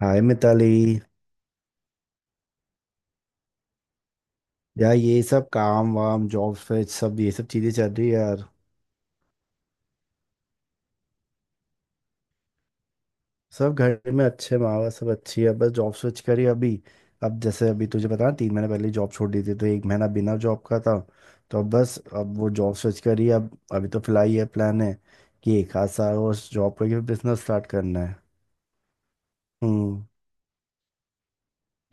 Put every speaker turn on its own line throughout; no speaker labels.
हाय मिताली। यार ये सब काम वाम जॉब स्विच सब ये सब चीज़ें चल रही है यार। सब घर में अच्छे माँ बाप सब अच्छी है, बस जॉब स्विच करी अभी। अब जैसे अभी तुझे पता ना, तीन महीने पहले जॉब छोड़ दी थी तो एक महीना बिना जॉब का था। तो अब बस अब वो जॉब स्विच करी अब। अभी तो फिलहाल ये प्लान है कि एक आध साल और जॉब करके बिजनेस स्टार्ट करना है। हम्म।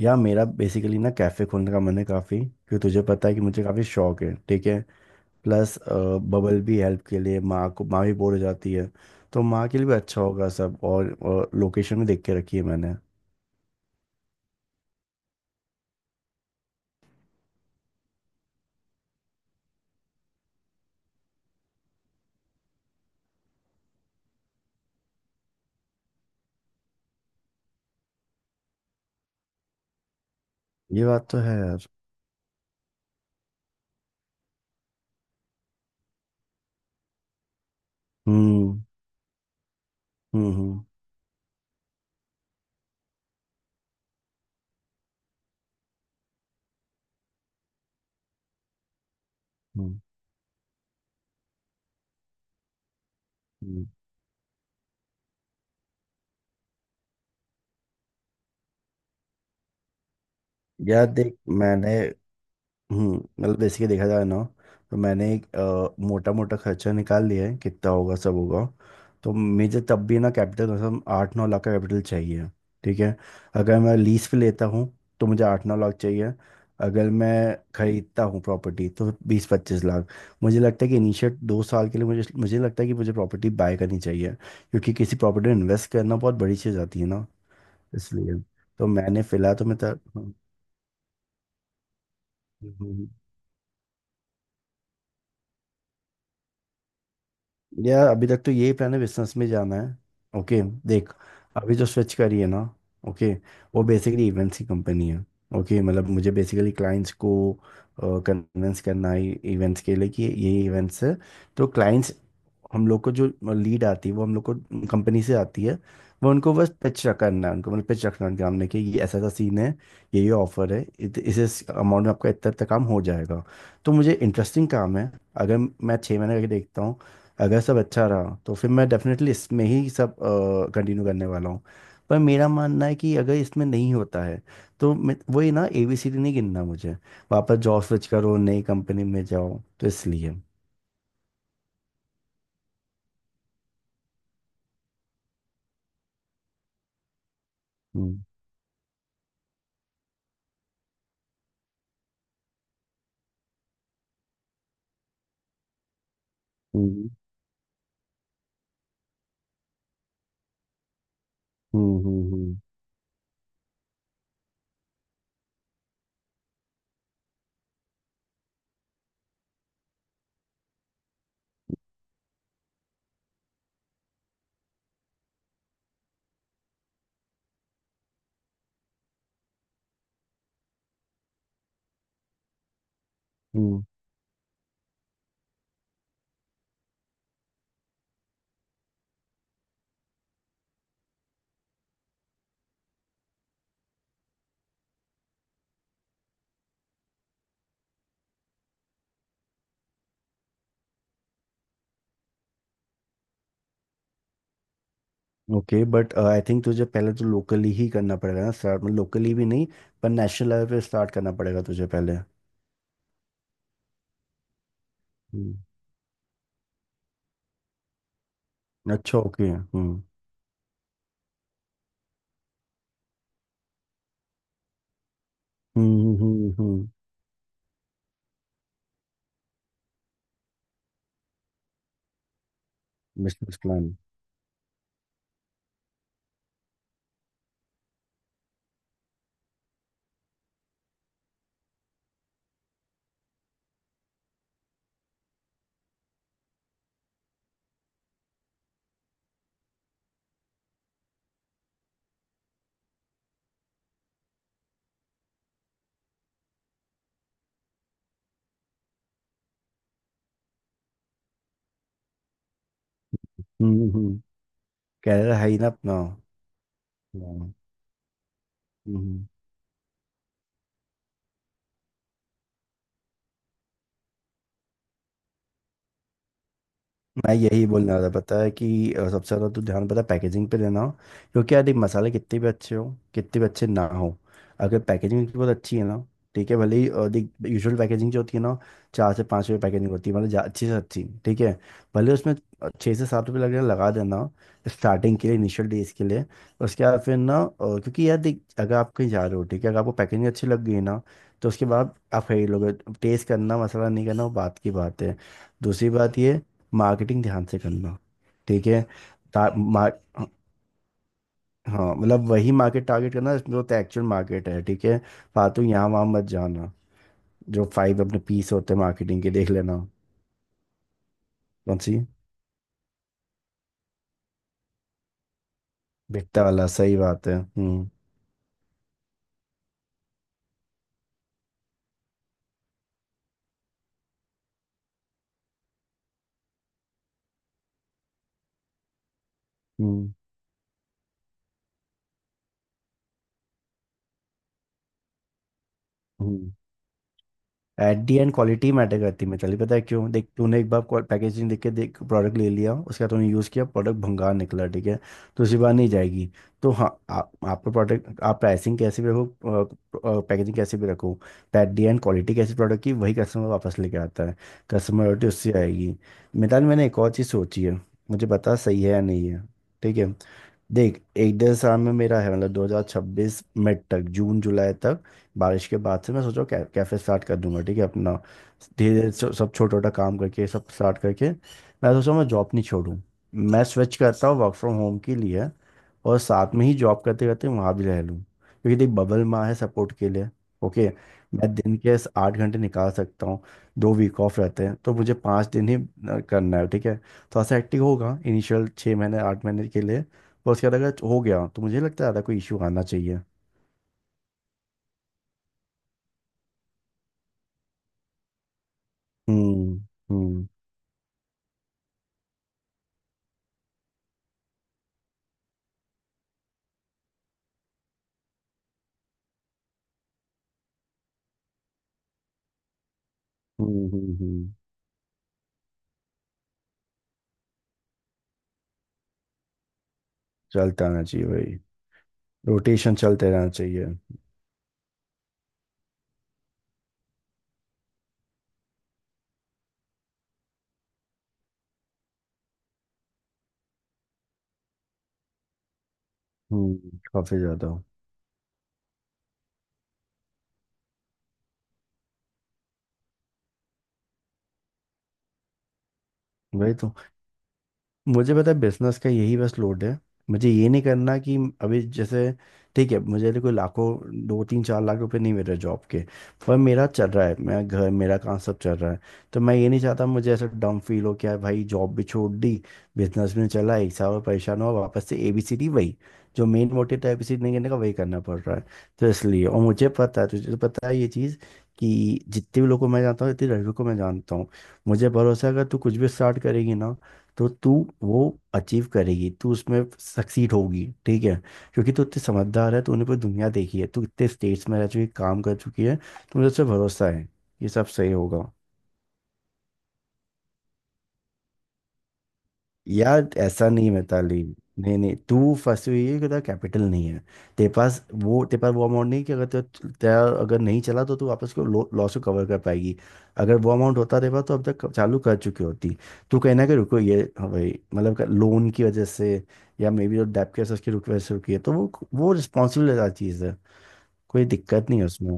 यार मेरा बेसिकली ना कैफ़े खोलने का मन है काफ़ी, क्योंकि तुझे पता है कि मुझे काफ़ी शौक है, ठीक है। प्लस बबल भी हेल्प के लिए, माँ को माँ भी बोर हो जाती है। तो माँ के लिए भी अच्छा होगा सब, और लोकेशन भी देख के रखी है मैंने। ये बात तो है यार। हम्म, हम्म, हम्म, हम्म, हम्म। यार देख मैंने, मतलब बेसिकली देखा जाए ना, तो मैंने एक मोटा मोटा खर्चा निकाल लिया है, कितना होगा सब होगा। तो मुझे तब भी ना कैपिटल, मतलब आठ नौ लाख का कैपिटल चाहिए, ठीक है। अगर मैं लीज पे लेता हूँ तो मुझे आठ नौ लाख चाहिए। अगर मैं खरीदता हूँ प्रॉपर्टी तो बीस पच्चीस लाख। मुझे लगता है कि इनिशियल दो साल के लिए मुझे मुझे लगता है कि मुझे प्रॉपर्टी बाय करनी चाहिए, क्योंकि किसी प्रॉपर्टी में इन्वेस्ट करना बहुत बड़ी चीज़ आती है ना। इसलिए तो मैंने फिलहाल, तो मैं तर... यार अभी तक तो यही प्लान है, बिजनेस में जाना है। ओके। देख अभी जो स्विच करी है ना, ओके, वो बेसिकली इवेंट्स की कंपनी है। ओके, मतलब मुझे बेसिकली क्लाइंट्स को कन्विंस करना है इवेंट्स के लिए, कि ये इवेंट्स है तो क्लाइंट्स, हम लोग को जो लीड आती है वो हम लोग को कंपनी से आती है। वो उनको बस पिच करना है उनको, मतलब पिच रखना है उनके सामने कि ये ऐसा ऐसा सीन है, ये ऑफर है, इस अमाउंट में आपका इतना तक काम हो जाएगा। तो मुझे इंटरेस्टिंग काम है। अगर मैं छः महीने करके देखता हूँ, अगर सब अच्छा रहा तो फिर मैं डेफिनेटली इसमें ही सब कंटिन्यू करने वाला हूँ। पर मेरा मानना है कि अगर इसमें नहीं होता है तो वही ना, एबीसीडी नहीं गिनना मुझे, वापस जॉब स्विच करो, नई कंपनी में जाओ, तो इसलिए। हम्म, हम्म, हम्म, हम्म, हम्म। ओके, बट आई थिंक तुझे पहले तो लोकली ही करना पड़ेगा ना, स्टार्ट में, लोकली भी नहीं पर नेशनल लेवल पे स्टार्ट करना पड़ेगा तुझे पहले। हम्म। अच्छा, ओके। हम्म, हम्म, हम्म, हम्म। Business plan. हम्म, हम्म। कैरियर है ही ना अपना। Yeah. Hmm. मैं यही बोलने वाला था, पता है कि सबसे ज़्यादा तो ध्यान पता है पैकेजिंग पे देना हो, क्योंकि यार देख मसाले कितने भी अच्छे हो, कितने भी अच्छे ना हो, अगर पैकेजिंग उनकी बहुत अच्छी है ना, ठीक है। भले ही देख, यूजुअल पैकेजिंग जो होती है ना, चार से पाँच रुपये पैकेजिंग होती है, मतलब अच्छी से अच्छी, ठीक है। भले उसमें छः से सात रुपये लगे लगा देना, स्टार्टिंग के लिए, इनिशियल डेज के लिए। उसके बाद फिर ना, क्योंकि यार देख अगर आप कहीं जा रहे हो, ठीक है, अगर आपको पैकेजिंग अच्छी लग गई ना, तो उसके बाद आप खरीद लोगे। टेस्ट करना, मसाला नहीं करना, वो बात की बात है। दूसरी बात ये, मार्केटिंग ध्यान से करना, ठीक है। ता, मा, हाँ, मतलब वही मार्केट टारगेट करना जो तो एक्चुअल मार्केट है, ठीक है। फालतू यहाँ वहाँ मत जाना। जो फाइव अपने पीस होते हैं मार्केटिंग के, देख लेना। कौन सी? बिकता वाला, सही बात है। हम्म, हम्म, हम्म। At the end quality matter करती है मिताली, पता है क्यों? देख, तूने एक बार पैकेजिंग देख के देख प्रोडक्ट ले लिया, उसके बाद तूने यूज़ किया, प्रोडक्ट भंगार निकला, ठीक है, दूसरी बार नहीं जाएगी। तो हाँ, आप आपका प्रोडक्ट, आप प्राइसिंग कैसे भी रखो, पैकेजिंग कैसे भी रखो, एट दी एंड क्वालिटी कैसी प्रोडक्ट की, वही कस्टमर वापस लेके आता है। कस्टमर उससे आएगी। मिताली मैंने एक और चीज़ सोची है, मुझे पता सही है या नहीं है, ठीक है। देख, एक डेढ़ साल में मेरा है, मतलब 2026 मिड तक, जून जुलाई तक, बारिश के बाद से मैं सोचा कैफे स्टार्ट कर दूंगा, ठीक है, अपना। धीरे धीरे सब सब छोटा छोटा काम करके सब स्टार्ट करके, मैं सोचा मैं जॉब नहीं छोड़ूं, मैं स्विच करता हूँ वर्क फ्रॉम होम के लिए, और साथ में ही जॉब करते करते वहाँ भी रह लूँ, क्योंकि देख बबल माँ है सपोर्ट के लिए। ओके। मैं दिन के इस आठ घंटे निकाल सकता हूँ, दो वीक ऑफ रहते हैं तो मुझे पाँच दिन ही करना है, ठीक है, थोड़ा सा एक्टिव होगा इनिशियल छः महीने आठ महीने के लिए। और उसके बाद अगर हो गया तो मुझे लगता है ज़्यादा कोई इशू आना चाहिए। हम्म, हम्म। हम्म, हम्म, चलता रहना चाहिए भाई। रोटेशन चलते रहना चाहिए। हम्म, काफी ज्यादा। वही तो, मुझे पता है, बिजनेस का यही बस लोड है। मुझे ये नहीं करना कि अभी जैसे, ठीक है, मुझे अभी कोई लाखों दो तीन चार लाख रुपए नहीं मिल रहे जॉब के, पर मेरा चल रहा है, मेरा घर मेरा काम सब चल रहा है। तो मैं ये नहीं चाहता मुझे ऐसा डम फील हो क्या भाई, जॉब भी छोड़ दी, बिजनेस भी नहीं चला, एक साल और परेशान हुआ, वापस से एबीसीडी, वही जो मेन मोटिव था एबीसीडी नहीं करने का, वही करना पड़ रहा है। तो इसलिए, और मुझे पता है, तुझे तो पता है ये चीज़, कि जितने भी लोगों को मैं जानता हूँ, इतने लड़कों को मैं जानता हूँ, मुझे भरोसा है अगर तू कुछ भी स्टार्ट करेगी ना, तो तू वो अचीव करेगी, तू उसमें सक्सीड होगी, ठीक है। क्योंकि तू इतनी समझदार है, तूने पूरी दुनिया देखी है, तू इतने स्टेट्स में रह चुकी, काम कर चुकी है, तो मुझे उससे भरोसा है ये सब सही होगा। यार ऐसा नहीं है मिताली। नहीं नहीं, तू फंसी हुई है कि तेरा कैपिटल नहीं है, तेरे पास वो अमाउंट नहीं, कि अगर तेरा तेरा अगर नहीं चला तो तू वापस को, लॉस को कवर कर पाएगी। अगर वो अमाउंट होता तेरे पास तो अब तक चालू कर चुकी होती। तू कहना कि रुको ये, हाँ भाई, मतलब लोन की वजह से, या मे बी जो डेब्ट केस, उसकी वजह से रुकी है, तो वो रिस्पॉन्सिबल चीज़ है, कोई दिक्कत नहीं है उसमें।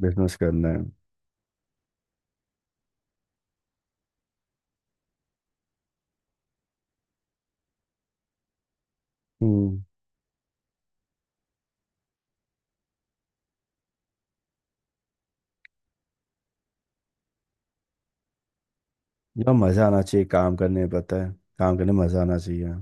बिजनेस करना है। हम्म। यार मज़ा आना चाहिए काम करने में, पता है, काम करने में मज़ा आना चाहिए।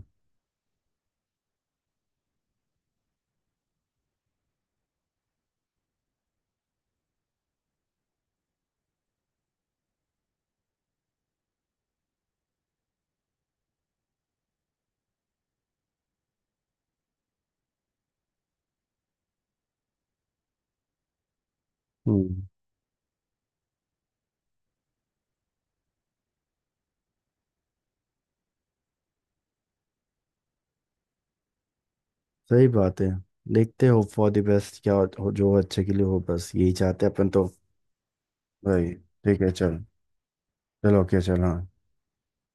हम्म, सही बात है। देखते हो, फॉर द बेस्ट क्या हो, जो अच्छे के लिए हो, बस यही चाहते हैं अपन तो। भाई ठीक है, चल। चलो ओके, चल, हाँ।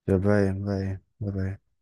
चल, बाय बाय। बाय।